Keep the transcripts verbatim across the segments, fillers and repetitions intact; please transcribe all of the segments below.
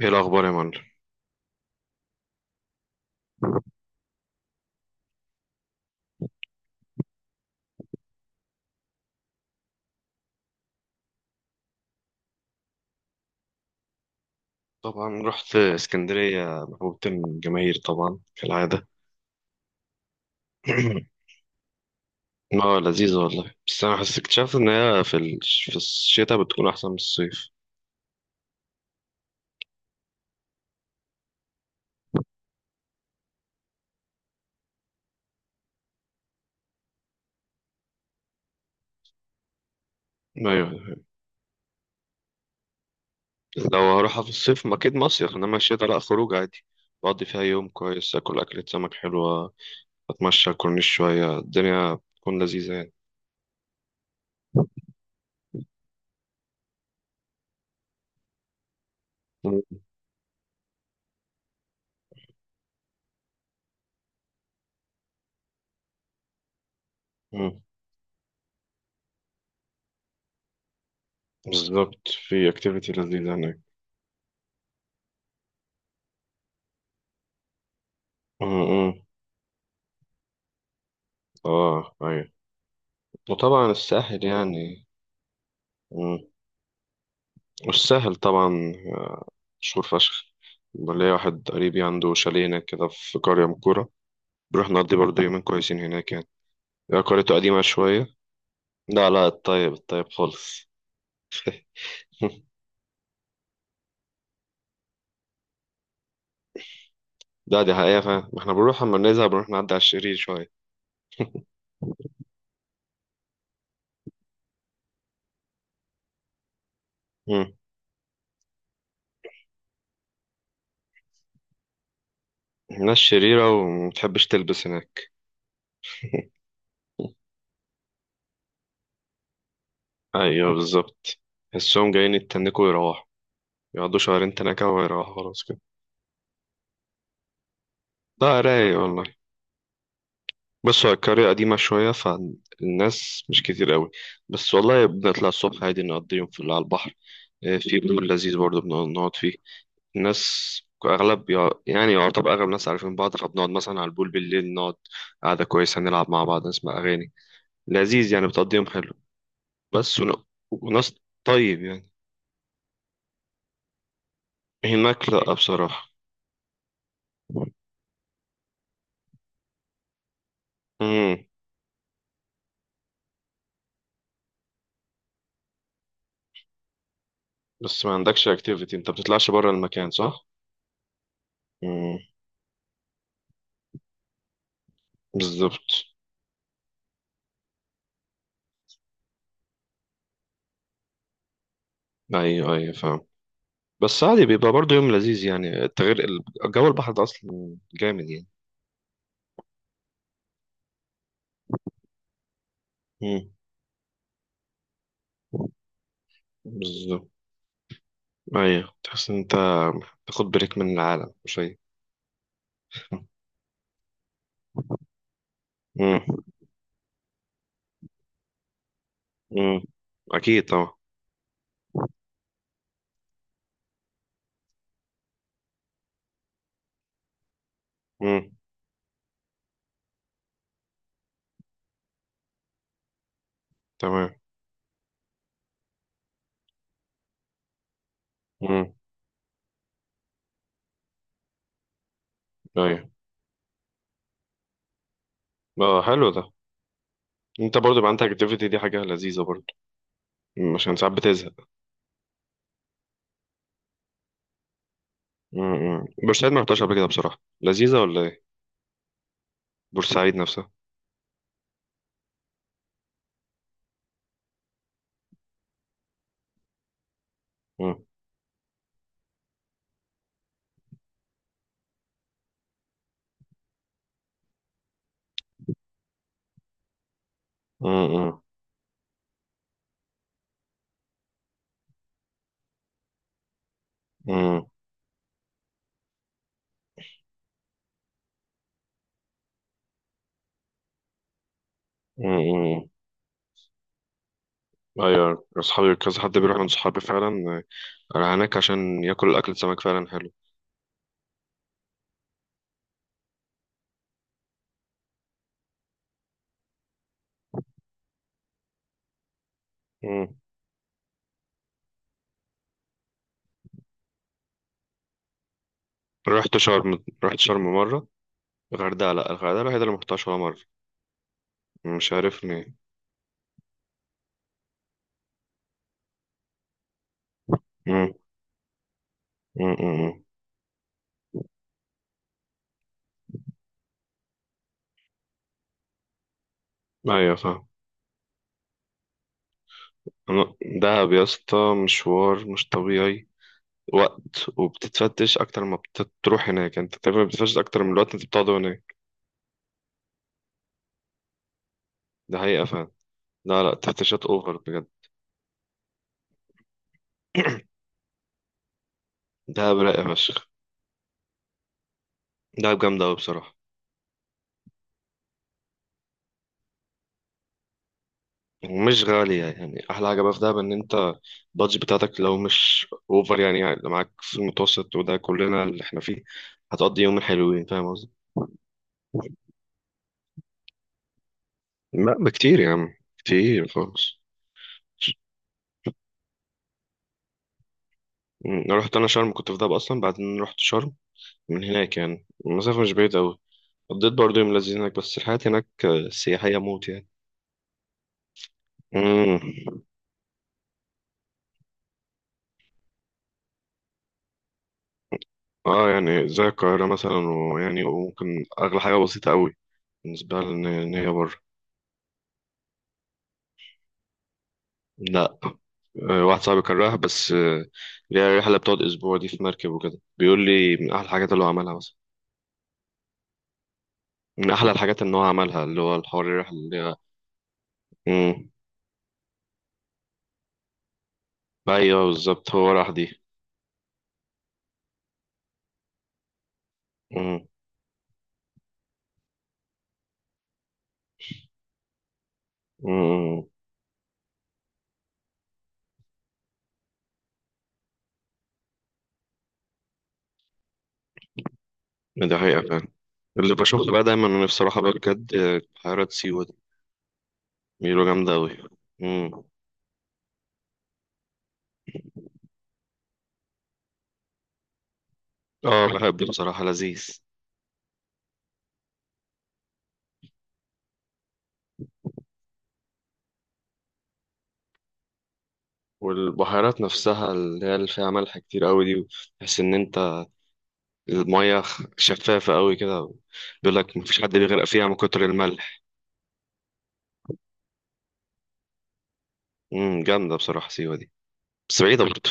ايه الاخبار يا معلم؟ طبعا رحت اسكندريه، محبوبة الجماهير طبعا كالعاده. اه لذيذه والله، بس انا حسيت اكتشفت ان هي في ال- في الشتاء بتكون احسن من الصيف. ايوه، لو هروحها في الصيف ما اكيد مصيف، انما الشتاء لا، خروج عادي. بقضي فيها يوم كويس، اكل اكلة سمك حلوه، اتمشى على الكورنيش شويه، الدنيا بتكون لذيذه يعني. مم. مم. بالظبط، في اكتيفيتي لذيذه هناك. مم. مم. اه ايوه، وطبعا الساحل يعني. مم. والساحل طبعا مشهور فشخ. ليا واحد قريبي عنده شاليه هناك كده، في قرية من الكورة. بنروح نقضي برضه يومين كويسين هناك يعني. هي قريته قديمة شوية. لا لا، الطيب الطيب خالص. لا دي حقيقة، فاهم؟ ما احنا بنروح أما بنزهق بنروح نعدي على الشرير شوية. مم. الناس شريرة ومتحبش تلبس هناك. أيوه بالظبط، تحسهم جايين يتنكوا ويروحوا، يقعدوا شهرين تنكة ويروحوا خلاص كده. لا رايق والله. بص، هو القرية قديمة شوية، فالناس مش كتير قوي. بس والله بنطلع الصبح عادي، نقضي يوم في اللي على البحر. آه، في بول لذيذ برضه بنقعد نقعد فيه. الناس أغلب يع- يعني يعتبر أغلب الناس عارفين بعض، فبنقعد مثلا على البول بالليل، نقعد قعدة كويسة، نلعب مع بعض، نسمع أغاني. لذيذ يعني، بتقضي يوم حلو. بس ون... وناس طيب يعني هناك، لأ بصراحة. مم. بس ما عندكش اكتيفيتي، انت بتطلعش بره المكان صح؟ مم. بالظبط. ايوه ايوه فاهم. بس عادي، بيبقى برضه يوم لذيذ يعني، التغيير ال- جو البحر ده اصلا جامد يعني. امم، بالظبط. ايوه، تحس ان انت تاخد بريك من العالم شوية. امم. امم. اكيد طبعا. امم. تمام. امم. ايوه. اه حلو ده، انت برضه يبقى عندك اكتيفيتي، دي حاجة لذيذة برضه. مم، عشان ساعات بتزهق. امم، بورسعيد ما رحتهاش قبل كده بصراحة، لذيذة ولا ايه؟ بورسعيد نفسها. امم. امم. ايوه اصحابي كذا حد بيروح من صحابي فعلا آه، هناك عشان ياكل اكل سمك فعلا حلو. مم. رحت شرم، رحت شرم مره. الغردقه لا، الغردقه الوحيده اللي ما رحتهاش ولا مره. مش عارف ليه. مم. مم. مم. مم. ايوه فاهم. أنا- دهب يا اسطى، مشوار مش طبيعي. وقت وبتتفتش اكتر ما بتروح هناك، انت تقريبا بتتفتش اكتر من الوقت انت بتقعده هناك. ده حقيقه فعلا. لا لا، تفتيشات اوفر بجد. دهب رايقه فشخ، دهب جامده قوي بصراحه. مش غالية، يعني أحلى حاجة بقى في دهب إن أنت البادج بتاعتك لو مش أوفر يعني, يعني لو معاك في المتوسط وده كلنا اللي إحنا فيه، هتقضي يومين حلوين، فاهم قصدي؟ لا بكتير يا عم، كتير خالص. أمم، أنا رحت أنا شرم، كنت في دهب أصلا بعدين رحت شرم من هناك، يعني المسافة مش بعيدة أوي. قضيت برضه يوم لذيذ هناك، بس الحياة هناك آه، سياحية موت يعني. امم. اه يعني زي القاهرة مثلا، ويعني وممكن أغلى حاجة بسيطة أوي بالنسبة لنا، إن إن هي بره. لا آه، واحد صاحبي كان رايح، بس آه، اللي هي الرحلة بتقعد أسبوع دي، في مركب وكده، بيقول لي من أحلى الحاجات اللي هو عملها مثلا. من أحلى الحاجات إن هو عملها، اللي هو الحوار الرحلة اللي هي. مم. أيوه بالظبط، هو راح دي. مم. مم. ده حقيقة فعلا. اللي بشوفه بقى دايما، أنا نفسي أروحها بقى بجد آه، بحيرات سيوة دي، بيقولوا جامدة أوي. مم. أه بحب بصراحة، لذيذ. والبحيرات نفسها اللي هي اللي فيها ملح كتير أوي دي، تحس إن أنت المية شفافة أوي كده، بيقول لك مفيش حد بيغرق فيها من كتر الملح. امم، جامدة بصراحة سيوة دي، بس بعيدة برضه.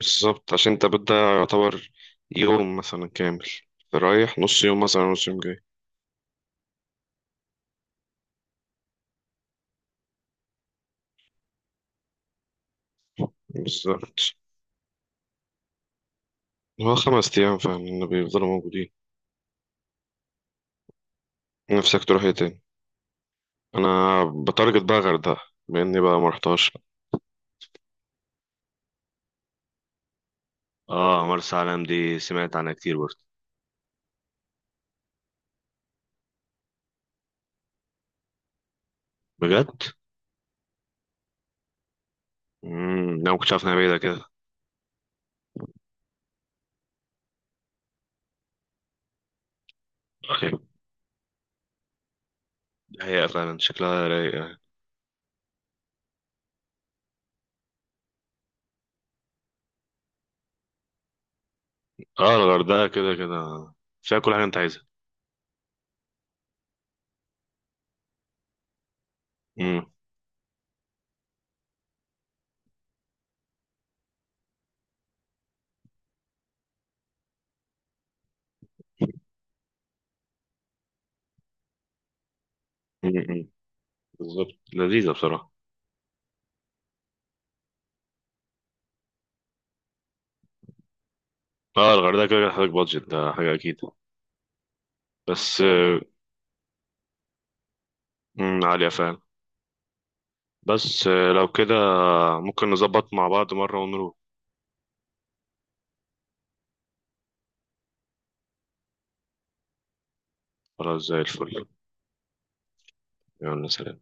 بالظبط، عشان انت بدأ يعتبر يوم مثلا كامل، رايح نص يوم مثلا، نص يوم جاي. بالظبط. هو خمس أيام فاهم، إن بيفضلوا موجودين. نفسك تروح ايه تاني؟ أنا بتارجت بقى غردقة، بما إني بقى مرحتهاش. اه مرسى علم دي سمعت عنها كتير برضه. بجد؟ امم، أنا مكنتش عارف إنها بعيدة كده. أوكي، هي فعلا شكلها رايق يعني. اه الغردقة كده كده فيها كل حاجة أنت عايزها. امم. أمم، أمم. بالظبط لذيذة بصراحة. اه الغردقة كده كده هتحتاج بادجت، ده حاجة أكيد. بس بالظبط آه، مم، عالية فعلا. بس آه، لو كده ممكن نظبط مع بعض مرة ونروح. خلاص زي الفل. يلا سلام